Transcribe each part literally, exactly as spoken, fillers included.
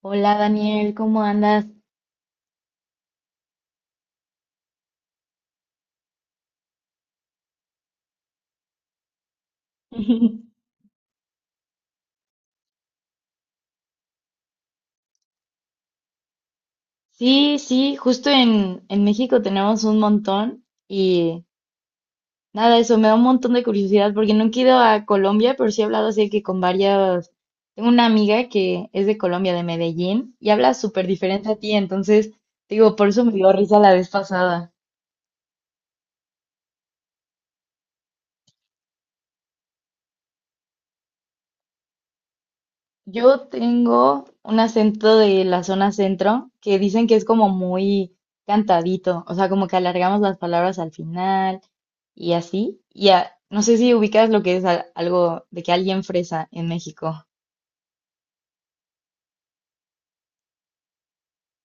Hola Daniel, ¿cómo andas? Sí, sí, justo en, en México tenemos un montón y nada, eso me da un montón de curiosidad porque nunca he ido a Colombia, pero sí he hablado así que con varias, tengo una amiga que es de Colombia, de Medellín, y habla súper diferente a ti, entonces digo, por eso me dio risa la vez pasada. Yo tengo un acento de la zona centro que dicen que es como muy cantadito, o sea, como que alargamos las palabras al final. Y así. Y a- no sé si ubicas lo que es al- algo de que alguien fresa en México.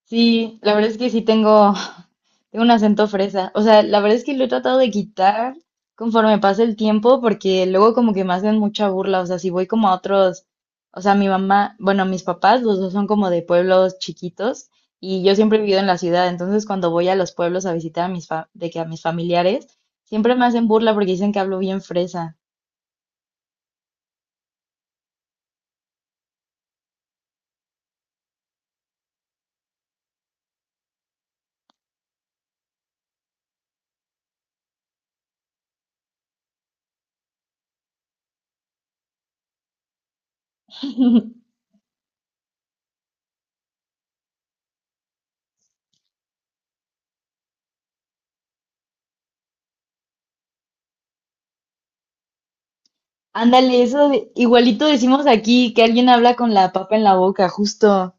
Sí, la verdad es que sí tengo, tengo un acento fresa. O sea, la verdad es que lo he tratado de quitar conforme pasa el tiempo porque luego como que me hacen mucha burla. O sea, si voy como a otros, o sea, mi mamá, bueno, mis papás, los dos son como de pueblos chiquitos y yo siempre he vivido en la ciudad. Entonces, cuando voy a los pueblos a visitar a mis fa- de que a mis familiares, siempre me hacen burla porque dicen que hablo bien fresa. Ándale, eso de- igualito decimos aquí que alguien habla con la papa en la boca, justo.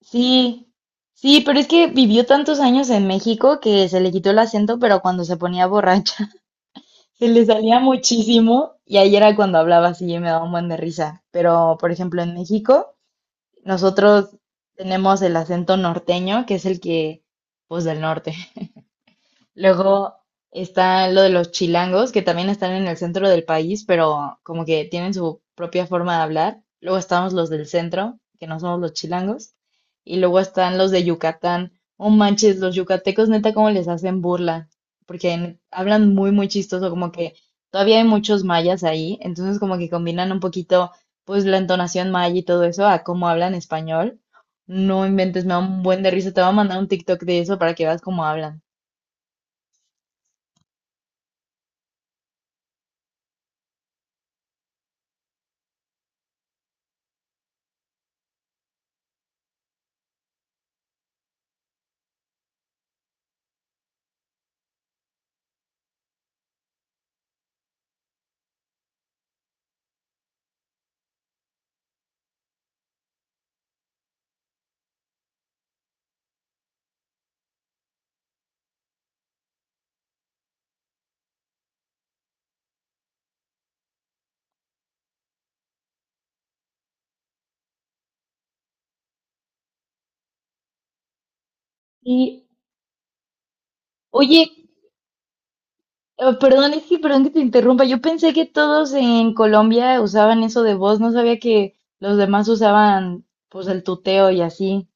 Sí, sí, pero es que vivió tantos años en México que se le quitó el acento, pero cuando se ponía borracha se le salía muchísimo y ahí era cuando hablaba así y me daba un buen de risa. Pero, por ejemplo, en México nosotros tenemos el acento norteño, que es el que, pues del norte. Luego está lo de los chilangos, que también están en el centro del país, pero como que tienen su propia forma de hablar. Luego estamos los del centro, que no somos los chilangos. Y luego están los de Yucatán. Oh manches, los yucatecos, neta, cómo les hacen burla. Porque n- hablan muy, muy chistoso, como que todavía hay muchos mayas ahí. Entonces, como que combinan un poquito, pues, la entonación maya y todo eso a cómo hablan español. No inventes, me da un buen de risa. Te voy a mandar un TikTok de eso para que veas cómo hablan. Y oye, eh, perdón, es que perdón que te interrumpa. Yo pensé que todos en Colombia usaban eso de voz, no sabía que los demás usaban pues el tuteo y así.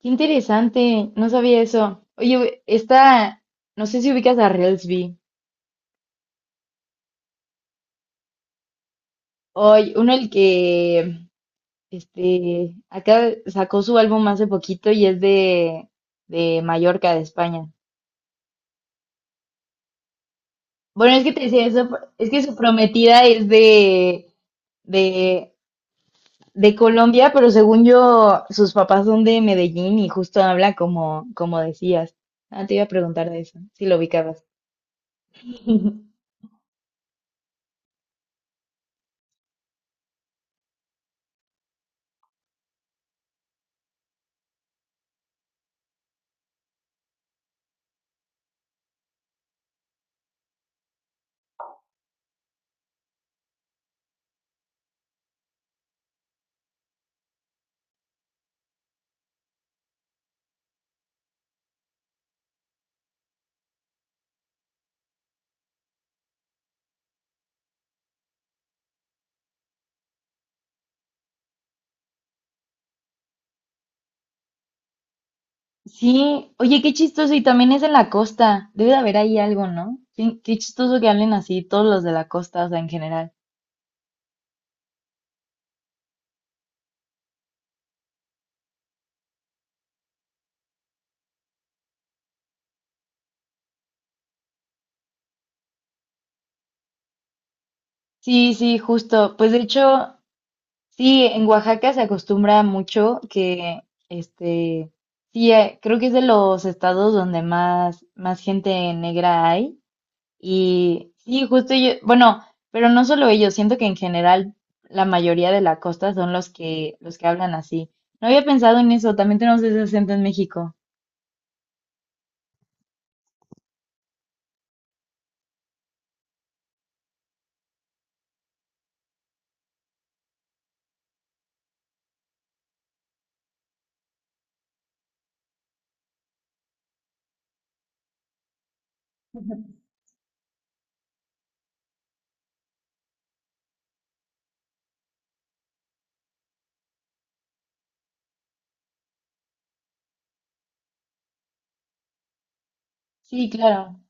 Qué interesante, no sabía eso. Oye, esta, no sé si ubicas a Reelsby. Oye, uno el que este acá sacó su álbum hace poquito y es de, de Mallorca, de España. Bueno, es que te decía eso, es que su prometida es de de de Colombia, pero según yo, sus papás son de Medellín y justo habla como, como decías. Ah, te iba a preguntar de eso, si lo ubicabas. Sí, oye, qué chistoso, y también es en la costa. Debe de haber ahí algo, ¿no? Qué, qué chistoso que hablen así todos los de la costa, o sea, en general. Sí, sí, justo. Pues de hecho, sí, en Oaxaca se acostumbra mucho que, este, sí, eh, creo que es de los estados donde más, más gente negra hay. Y sí, justo yo, bueno, pero no solo ellos, siento que en general la mayoría de la costa son los que, los que hablan así. No había pensado en eso, también tenemos ese acento en México. Sí, claro.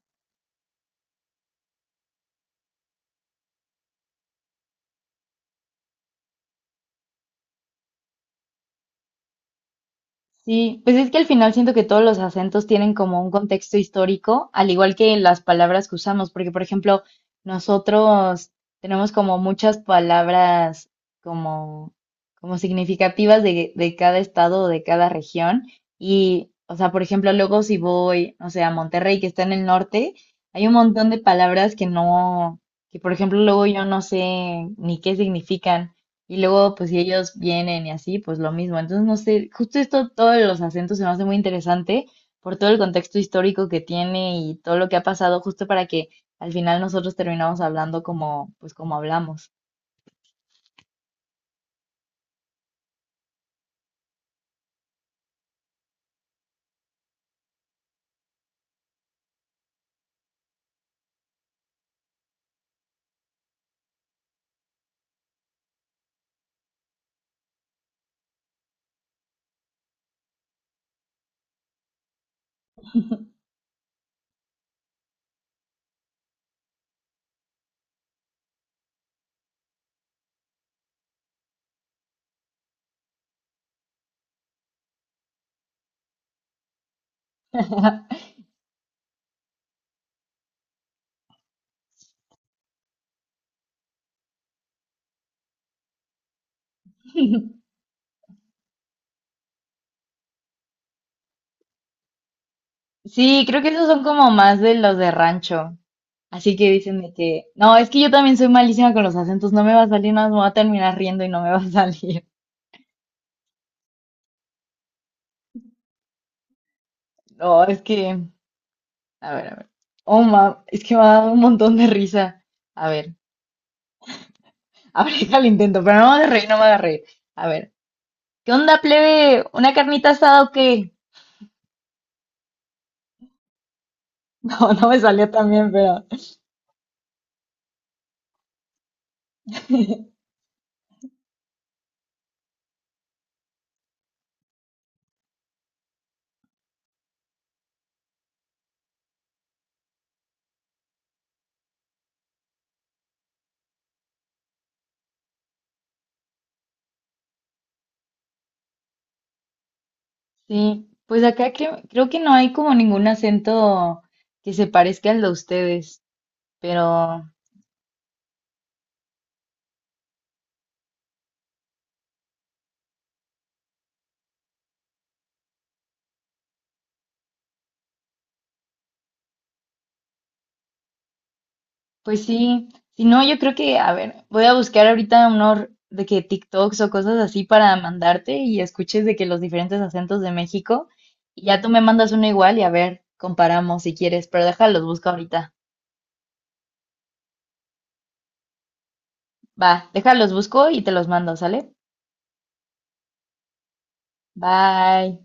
Sí, pues es que al final siento que todos los acentos tienen como un contexto histórico, al igual que las palabras que usamos, porque por ejemplo, nosotros tenemos como muchas palabras como, como significativas de, de cada estado o de cada región. Y, o sea, por ejemplo, luego si voy, no sé, a Monterrey, que está en el norte, hay un montón de palabras que no, que por ejemplo, luego yo no sé ni qué significan. Y luego, pues si ellos vienen y así, pues lo mismo. Entonces, no sé, justo esto, todos los acentos se me hace muy interesante por todo el contexto histórico que tiene y todo lo que ha pasado, justo para que al final nosotros terminamos hablando como, pues como hablamos. Sí, creo que esos son como más de los de rancho. Así que dicen de que, no, es que yo también soy malísima con los acentos, no me va a salir, nada más me voy a terminar riendo y no me va a salir. No, es que, a ver, a ver. Oh, ma, es que me ha dado un montón de risa. A ver. Aplica el intento, pero no me hagas reír, no me hagas reír. A ver, ¿qué onda, plebe? ¿Una carnita asada o qué? No, no me salió tan bien, pero sí. Pues acá creo, creo que no hay como ningún acento que se parezca al de ustedes, pero pues sí. Si no, yo creo que, a ver, voy a buscar ahorita unos de que TikToks o cosas así para mandarte y escuches de que los diferentes acentos de México y ya tú me mandas uno igual y a ver, comparamos si quieres, pero déjalos, busco ahorita. Va, déjalos busco y te los mando, ¿sale? Bye.